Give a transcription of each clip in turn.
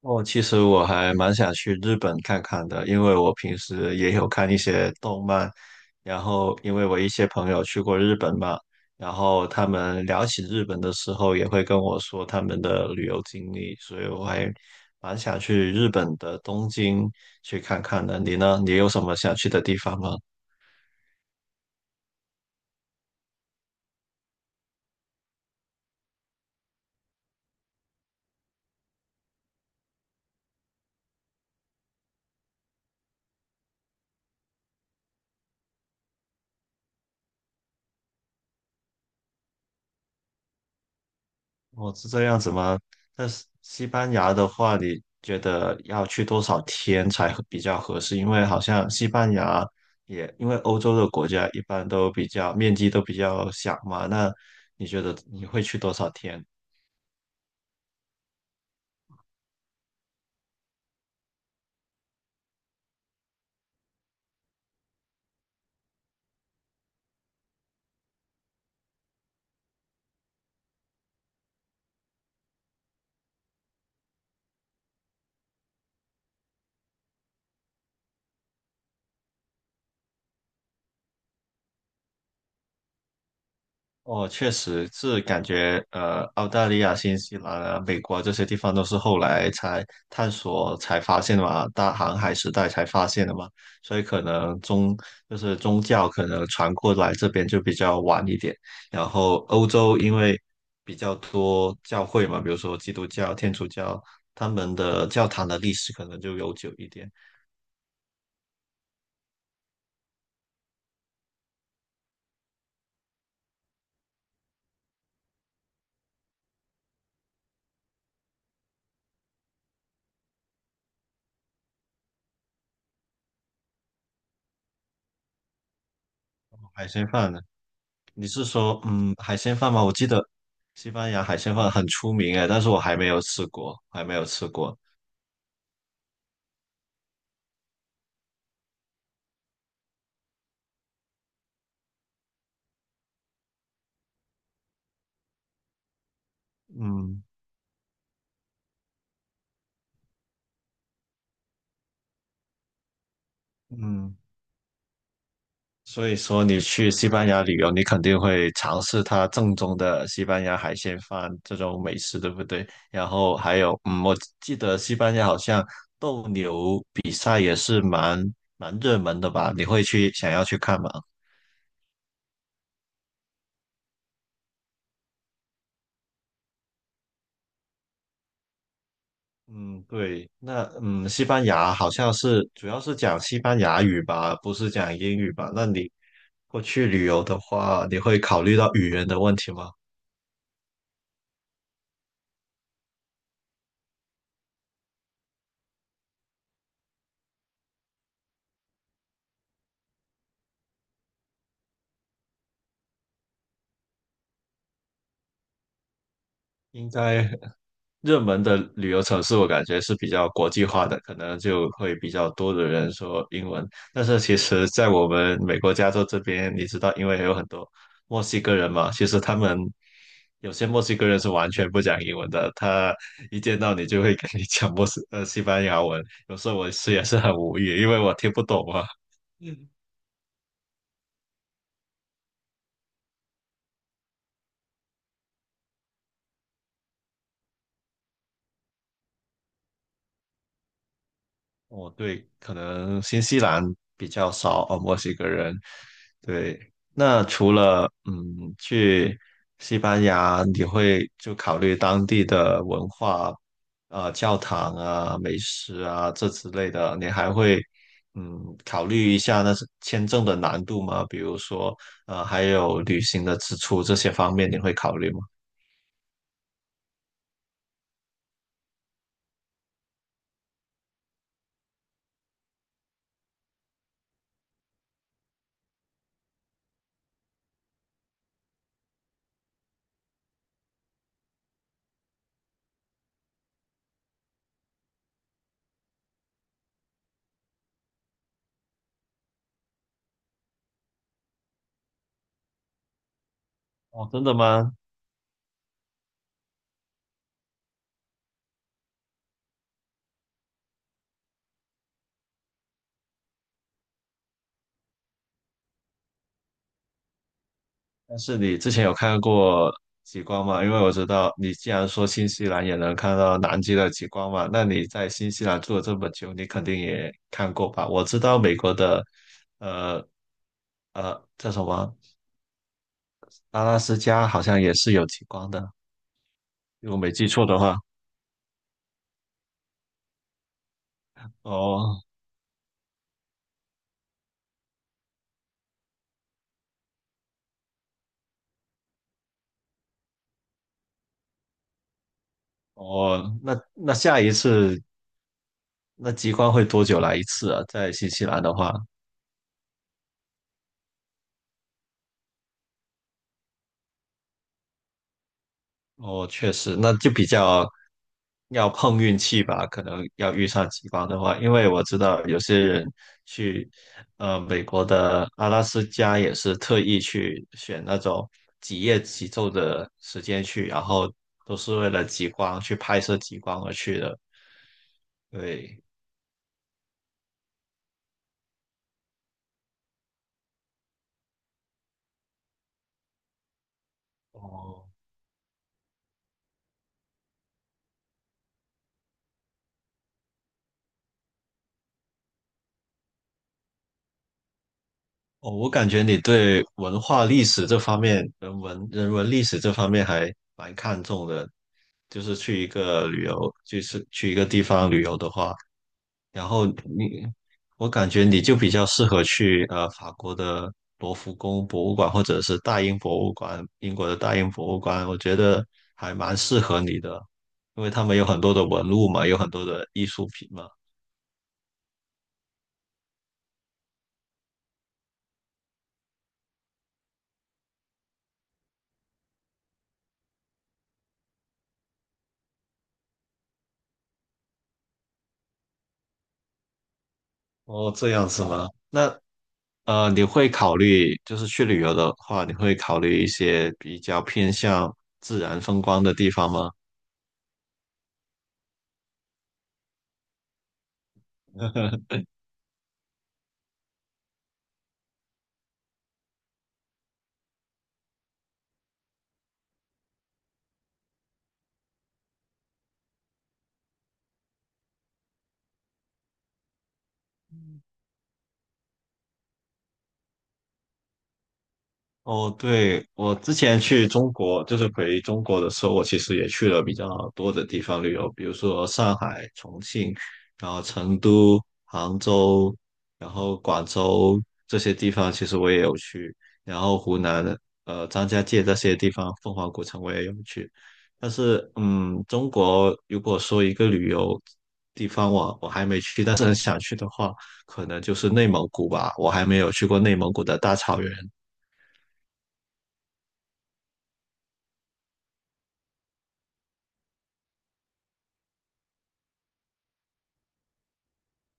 哦，其实我还蛮想去日本看看的，因为我平时也有看一些动漫，然后因为我一些朋友去过日本嘛，然后他们聊起日本的时候也会跟我说他们的旅游经历，所以我还蛮想去日本的东京去看看的。你呢？你有什么想去的地方吗？哦，是这样子吗？但是西班牙的话，你觉得要去多少天才合比较合适？因为好像西班牙也，因为欧洲的国家一般都比较面积都比较小嘛，那你觉得你会去多少天？哦，确实是感觉，澳大利亚、新西兰啊、美国啊这些地方都是后来才探索、才发现的嘛，大航海时代才发现的嘛，所以可能宗就是宗教可能传过来这边就比较晚一点。然后欧洲因为比较多教会嘛，比如说基督教、天主教，他们的教堂的历史可能就悠久一点。海鲜饭呢？你是说嗯海鲜饭吗？我记得西班牙海鲜饭很出名哎，但是我还没有吃过，还没有吃过。嗯嗯，所以说你去西班牙旅游，你肯定会尝试它正宗的西班牙海鲜饭这种美食，对不对？然后还有嗯，我记得西班牙好像斗牛比赛也是蛮热门的吧？你会去想要去看吗？嗯，对，那嗯，西班牙好像是主要是讲西班牙语吧，不是讲英语吧？那你过去旅游的话，你会考虑到语言的问题吗？应该热门的旅游城市，我感觉是比较国际化的，可能就会比较多的人说英文。但是其实，在我们美国加州这边，你知道，因为有很多墨西哥人嘛，其实他们有些墨西哥人是完全不讲英文的，他一见到你就会跟你讲西班牙文，有时候我是也是很无语，因为我听不懂啊。哦，对，可能新西兰比较少哦，墨西哥人。对，那除了嗯去西班牙，你会就考虑当地的文化，教堂啊、美食啊这之类的，你还会嗯考虑一下那是签证的难度吗？比如说还有旅行的支出这些方面，你会考虑吗？哦，真的吗？但是你之前有看过极光吗？因为我知道你既然说新西兰也能看到南极的极光嘛，那你在新西兰住了这么久，你肯定也看过吧？我知道美国的，呃叫什么阿拉斯加好像也是有极光的，如果没记错的话。哦哦，那那下一次那极光会多久来一次啊？在新西兰的话，哦，确实，那就比较要碰运气吧，可能要遇上极光的话，因为我知道有些人去美国的阿拉斯加也是特意去选那种几夜几昼的时间去，然后都是为了极光去拍摄极光而去的。对，哦，哦，我感觉你对文化历史这方面、人文历史这方面还蛮看重的。就是去一个旅游，就是去一个地方旅游的话，然后你，我感觉你就比较适合去法国的罗浮宫博物馆或者是大英博物馆，英国的大英博物馆，我觉得还蛮适合你的，因为他们有很多的文物嘛，有很多的艺术品嘛。哦，这样是吗？那你会考虑，就是去旅游的话，你会考虑一些比较偏向自然风光的地方吗？哦，对，我之前去中国，就是回中国的时候，我其实也去了比较多的地方旅游，比如说上海、重庆，然后成都、杭州，然后广州这些地方，其实我也有去，然后湖南的张家界这些地方，凤凰古城我也有去。但是，嗯，中国如果说一个旅游地方我还没去，但是很想去的话，可能就是内蒙古吧，我还没有去过内蒙古的大草原。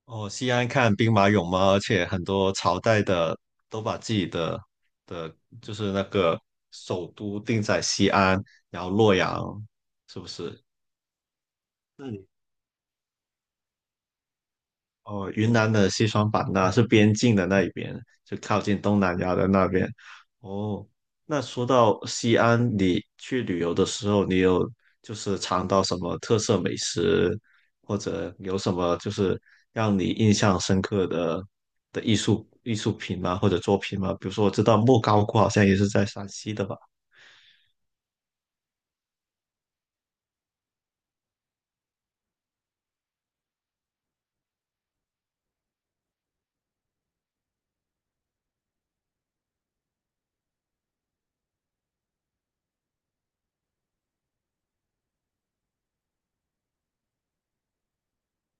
哦，西安看兵马俑嘛，而且很多朝代的都把自己的的，就是那个首都定在西安，然后洛阳，是不是？那你。哦，云南的西双版纳是边境的那一边，就靠近东南亚的那边。哦，那说到西安，你去旅游的时候，你有就是尝到什么特色美食，或者有什么就是让你印象深刻的的艺术品吗？或者作品吗？比如说，我知道莫高窟好像也是在陕西的吧。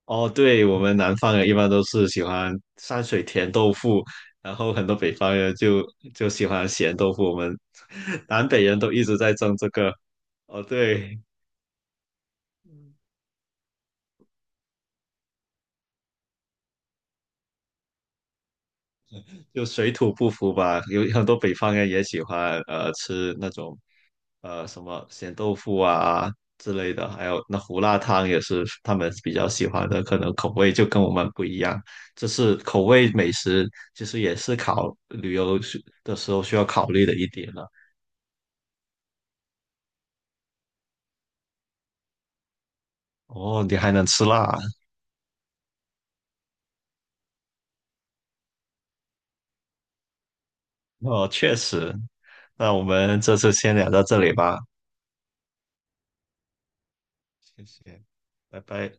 哦，对，我们南方人一般都是喜欢山水甜豆腐，然后很多北方人就喜欢咸豆腐。我们 南北人都一直在争这个。哦，对，就水土不服吧。有很多北方人也喜欢吃那种什么咸豆腐啊之类的，还有那胡辣汤也是他们比较喜欢的，可能口味就跟我们不一样。这是口味美食，其实也是考旅游时的时候需要考虑的一点了。哦，你还能吃辣？哦，确实。那我们这次先聊到这里吧。谢谢，拜拜。